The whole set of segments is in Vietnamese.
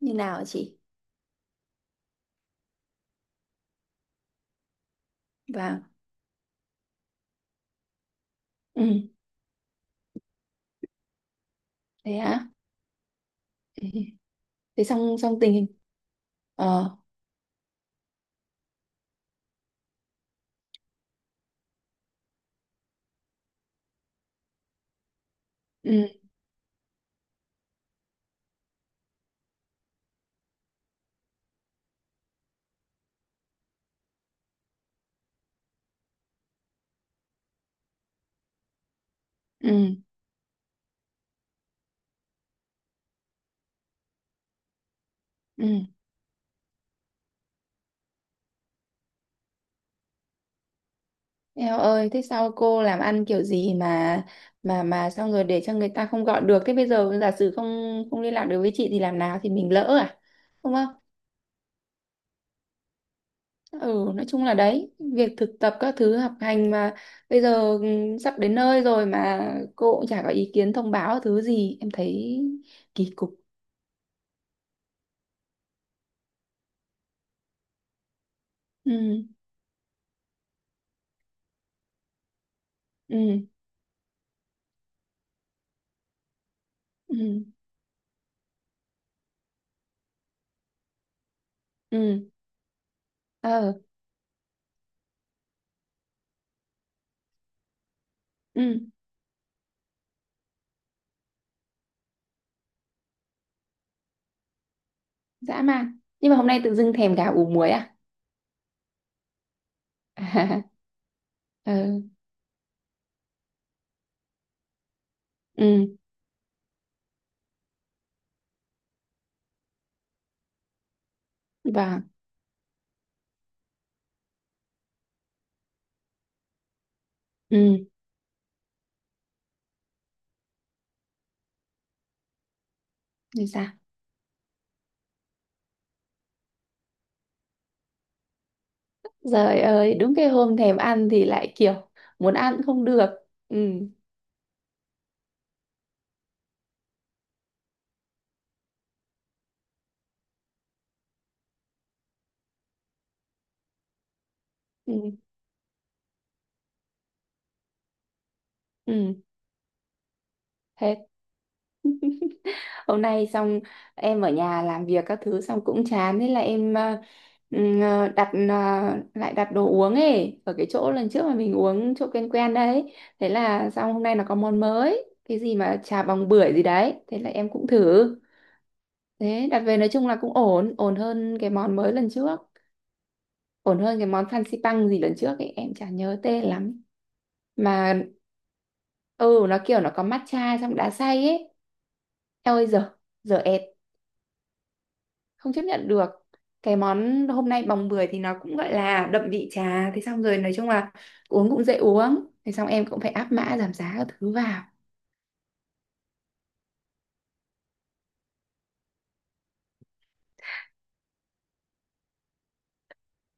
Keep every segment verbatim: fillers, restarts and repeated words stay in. Như nào hả chị? Vâng. Ừ. Thế hả? Ừ. Thế, xong xong tình hình. ờ ừ. Ừ. Ừ. Eo ơi, thế sao cô làm ăn kiểu gì mà mà mà sao người để cho người ta không gọi được? Thế bây giờ giả sử không không liên lạc được với chị thì làm nào, thì mình lỡ à? Đúng không? Ừ, nói chung là đấy, việc thực tập các thứ học hành mà bây giờ ừ, sắp đến nơi rồi mà cô cũng chả có ý kiến thông báo thứ gì. Em thấy kỳ cục. Ừ. Ừ. Ừ. Ừ. Ờ. Ừ. Dã man, nhưng mà hôm nay tự dưng thèm gà ủ muối à? Ừ. Ừ. Và. Ừ. Như sao? Trời ơi, đúng cái hôm thèm ăn thì lại kiểu muốn ăn cũng không được. Ừ. Ừ. Ừ. Thế hôm nay xong, em ở nhà làm việc các thứ xong cũng chán, thế là em ờ, ừ, ờ, đặt ờ, lại đặt đồ uống ấy ở cái chỗ lần trước mà mình uống, chỗ quen quen đấy. Thế là xong, hôm nay nó có món mới cái gì mà trà bòng bưởi gì đấy, thế là em cũng thử. Thế đặt về nói chung là cũng ổn, ổn hơn cái món mới lần trước, ổn hơn cái món fancy pang gì lần trước ấy, em chả nhớ tên lắm. Mà ừ nó kiểu nó có matcha trong đá xay ấy. Eo ơi giờ, giờ ẹt, không chấp nhận được. Cái món hôm nay bồng bưởi thì nó cũng gọi là đậm vị trà, thế xong rồi nói chung là uống cũng dễ uống, thế xong em cũng phải áp mã giảm giá các thứ vào.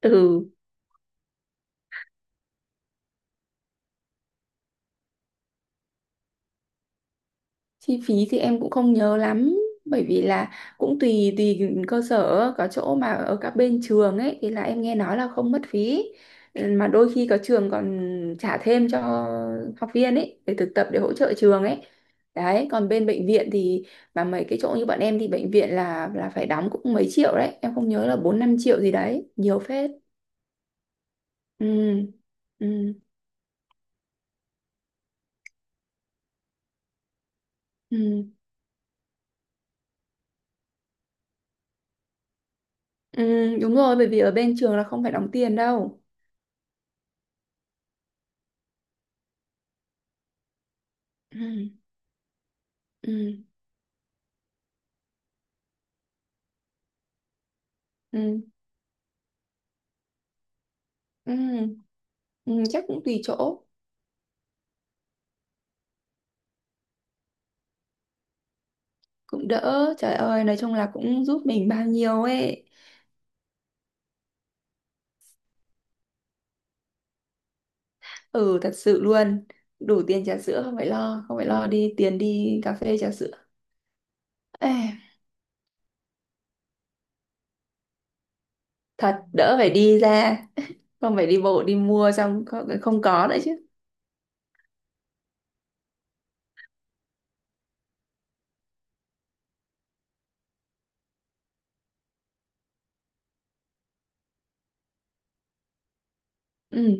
Ừ. Chi phí thì em cũng không nhớ lắm, bởi vì là cũng tùy tùy cơ sở. Có chỗ mà ở các bên trường ấy thì là em nghe nói là không mất phí. Ừ, mà đôi khi có trường còn trả thêm cho học viên ấy để thực tập, để hỗ trợ trường ấy. Đấy, còn bên bệnh viện thì, mà mấy cái chỗ như bọn em thì bệnh viện là là phải đóng cũng mấy triệu đấy, em không nhớ là bốn năm triệu gì đấy, nhiều phết. Ừ. Ừ. Ừ. Ừ, đúng rồi, bởi vì ở bên trường là không phải đóng tiền đâu. Ừ. Ừ. Ừ. Ừ. Ừ, chắc cũng tùy chỗ. Cũng đỡ, trời ơi nói chung là cũng giúp mình bao nhiêu ấy. Ừ, thật sự luôn. Đủ tiền trà sữa, không phải lo, không phải lo đi tiền đi cà phê trà sữa. Ê, thật đỡ phải đi ra, không phải đi bộ đi mua, xong không, không có nữa chứ. Ừ.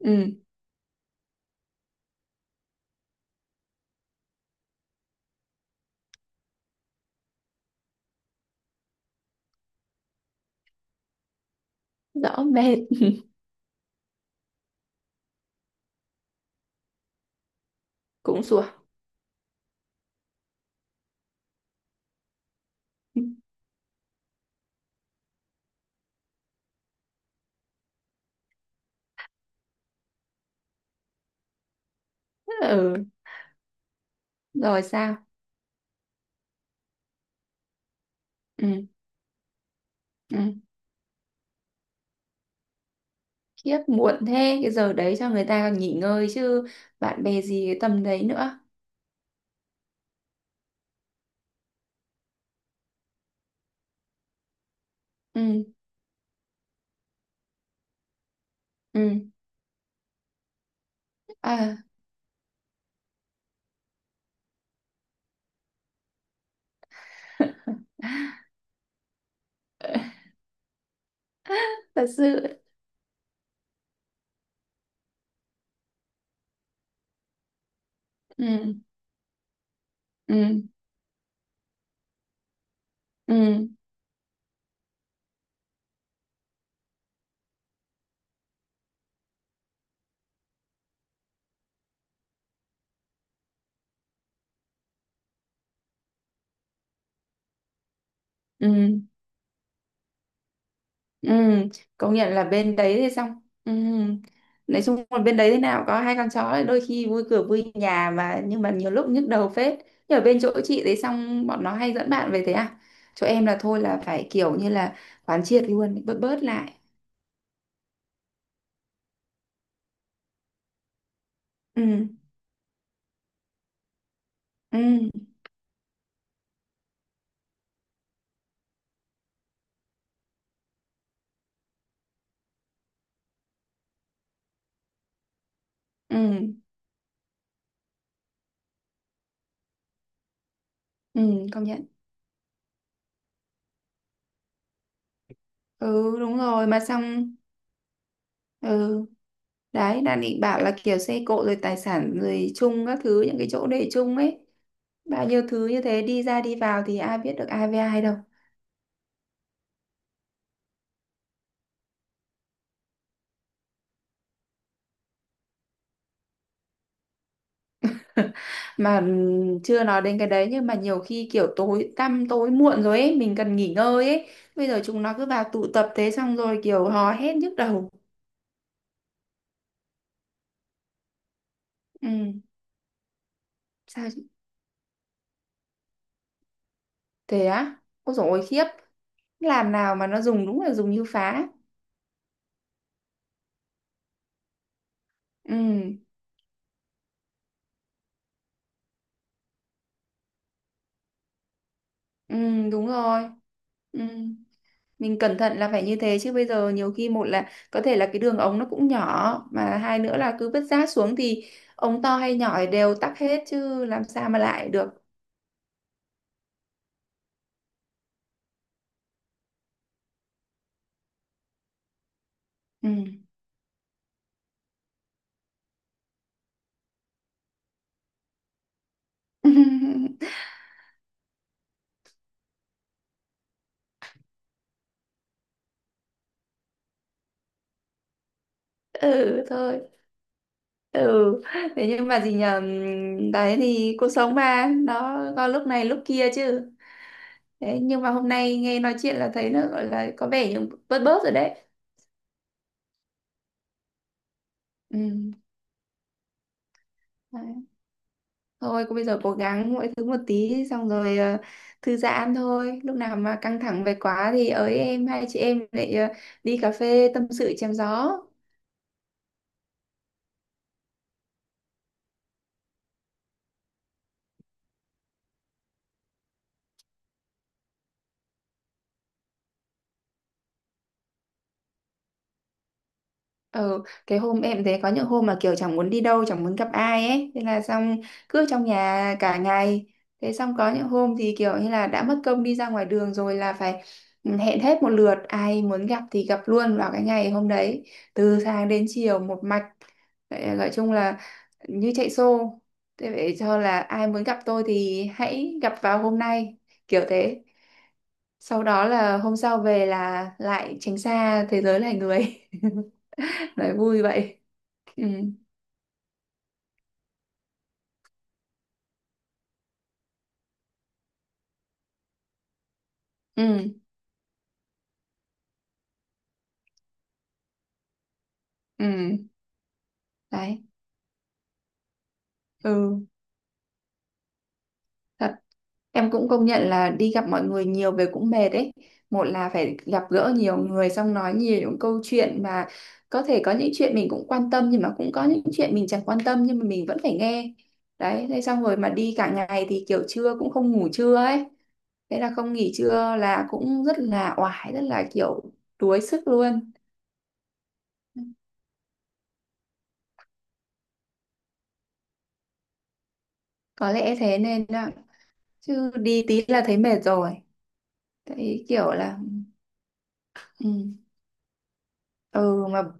Ừ. Rõ mệt. Cũng sủa. Ừ. Rồi sao? Ừ. Ừ. Khiếp, muộn thế, cái giờ đấy cho người ta còn nghỉ ngơi chứ, bạn bè gì cái tầm đấy nữa. Ừ. Ừ. À. Thật sự. Ừ. Ừ. Ừ. Ừ. Ừ. Công nhận là bên đấy thì xong. Ừ. Nói chung là bên đấy thế nào có hai con chó thì đôi khi vui cửa vui nhà mà, nhưng mà nhiều lúc nhức đầu phết. Nhưng ở bên chỗ chị đấy xong bọn nó hay dẫn bạn về thế à? Chỗ em là thôi là phải kiểu như là quán triệt luôn, bớt bớt lại. Ừ. Ừ. Ừ. Ừ. Công nhận. Ừ, đúng rồi. Mà xong. Ừ, đấy, đang định bảo là kiểu xe cộ rồi tài sản rồi chung các thứ, những cái chỗ để chung ấy, bao nhiêu thứ như thế đi ra đi vào thì ai biết được ai với ai đâu. Mà ừm, chưa nói đến cái đấy nhưng mà nhiều khi kiểu tối tăm tối muộn rồi ấy, mình cần nghỉ ngơi ấy. Bây giờ chúng nó cứ vào tụ tập, thế xong rồi kiểu hò hét nhức đầu. Ừ. sao chứ- Thế á? Ôi dồi ôi, khiếp. Làm nào mà nó dùng, đúng là dùng như phá. Ừ. Ừ, đúng rồi. Ừ, mình cẩn thận là phải như thế chứ, bây giờ nhiều khi, một là có thể là cái đường ống nó cũng nhỏ, mà hai nữa là cứ vứt rác xuống thì ống to hay nhỏ thì đều tắc hết chứ làm sao mà lại được. Ừ. Ừ, thôi. Ừ, thế nhưng mà gì nhờ ừm, đấy thì cuộc sống mà nó có lúc này lúc kia chứ. Đấy nhưng mà hôm nay nghe nói chuyện là thấy nó gọi là có vẻ như bớt bớt rồi đấy. Ừ. Thôi cô bây giờ cố gắng mỗi thứ một tí, xong rồi ờ, thư giãn thôi. Lúc nào mà căng thẳng về quá thì ới em, hai chị em lại ờ, đi cà phê tâm sự chém gió. Ừ, cái hôm em thấy có những hôm mà kiểu chẳng muốn đi đâu, chẳng muốn gặp ai ấy, thế là xong cứ trong nhà cả ngày. Thế xong có những hôm thì kiểu như là đã mất công đi ra ngoài đường rồi là phải ừ, hẹn hết một lượt, ai muốn gặp thì gặp luôn vào cái ngày hôm đấy, từ sáng đến chiều một mạch. Vậy, gọi chung là như chạy xô. Thế vậy cho là ai muốn gặp tôi thì hãy gặp vào hôm nay, kiểu thế. Sau đó là hôm sau về là lại tránh xa thế giới loài người. Nói vui vậy. Ừ. Ừ. Ừ. Đấy. Ừ. Thật. Em cũng công nhận là đi gặp mọi người nhiều về cũng mệt đấy. Một là phải gặp gỡ nhiều người, xong nói nhiều những câu chuyện mà có thể có những chuyện mình cũng quan tâm nhưng mà cũng có những chuyện mình chẳng quan tâm nhưng mà mình vẫn phải nghe. Đấy, thế xong rồi mà đi cả ngày thì kiểu trưa cũng không ngủ trưa ấy. Thế là không nghỉ trưa là cũng rất là oải, rất là kiểu đuối sức luôn. Có lẽ thế nên ạ. Chứ đi tí là thấy mệt rồi. Thấy kiểu là ừ, ừ mà.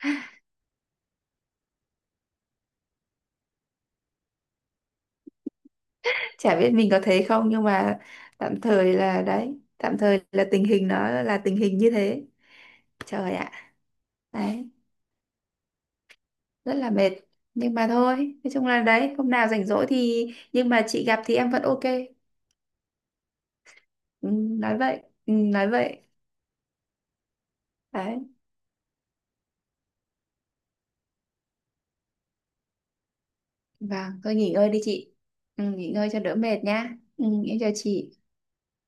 Chả biết mình có thấy không nhưng mà tạm thời là đấy, tạm thời là tình hình nó là tình hình như thế. Trời ạ. Đấy, rất là mệt, nhưng mà thôi, nói chung là đấy, hôm nào rảnh rỗi thì, nhưng mà chị gặp thì em vẫn ok. Ừ, nói vậy, ừ, nói vậy. Đấy. Vâng, thôi nghỉ ngơi đi chị. Ừ, nghỉ ngơi cho đỡ mệt nhá. Ừ, em chào chị.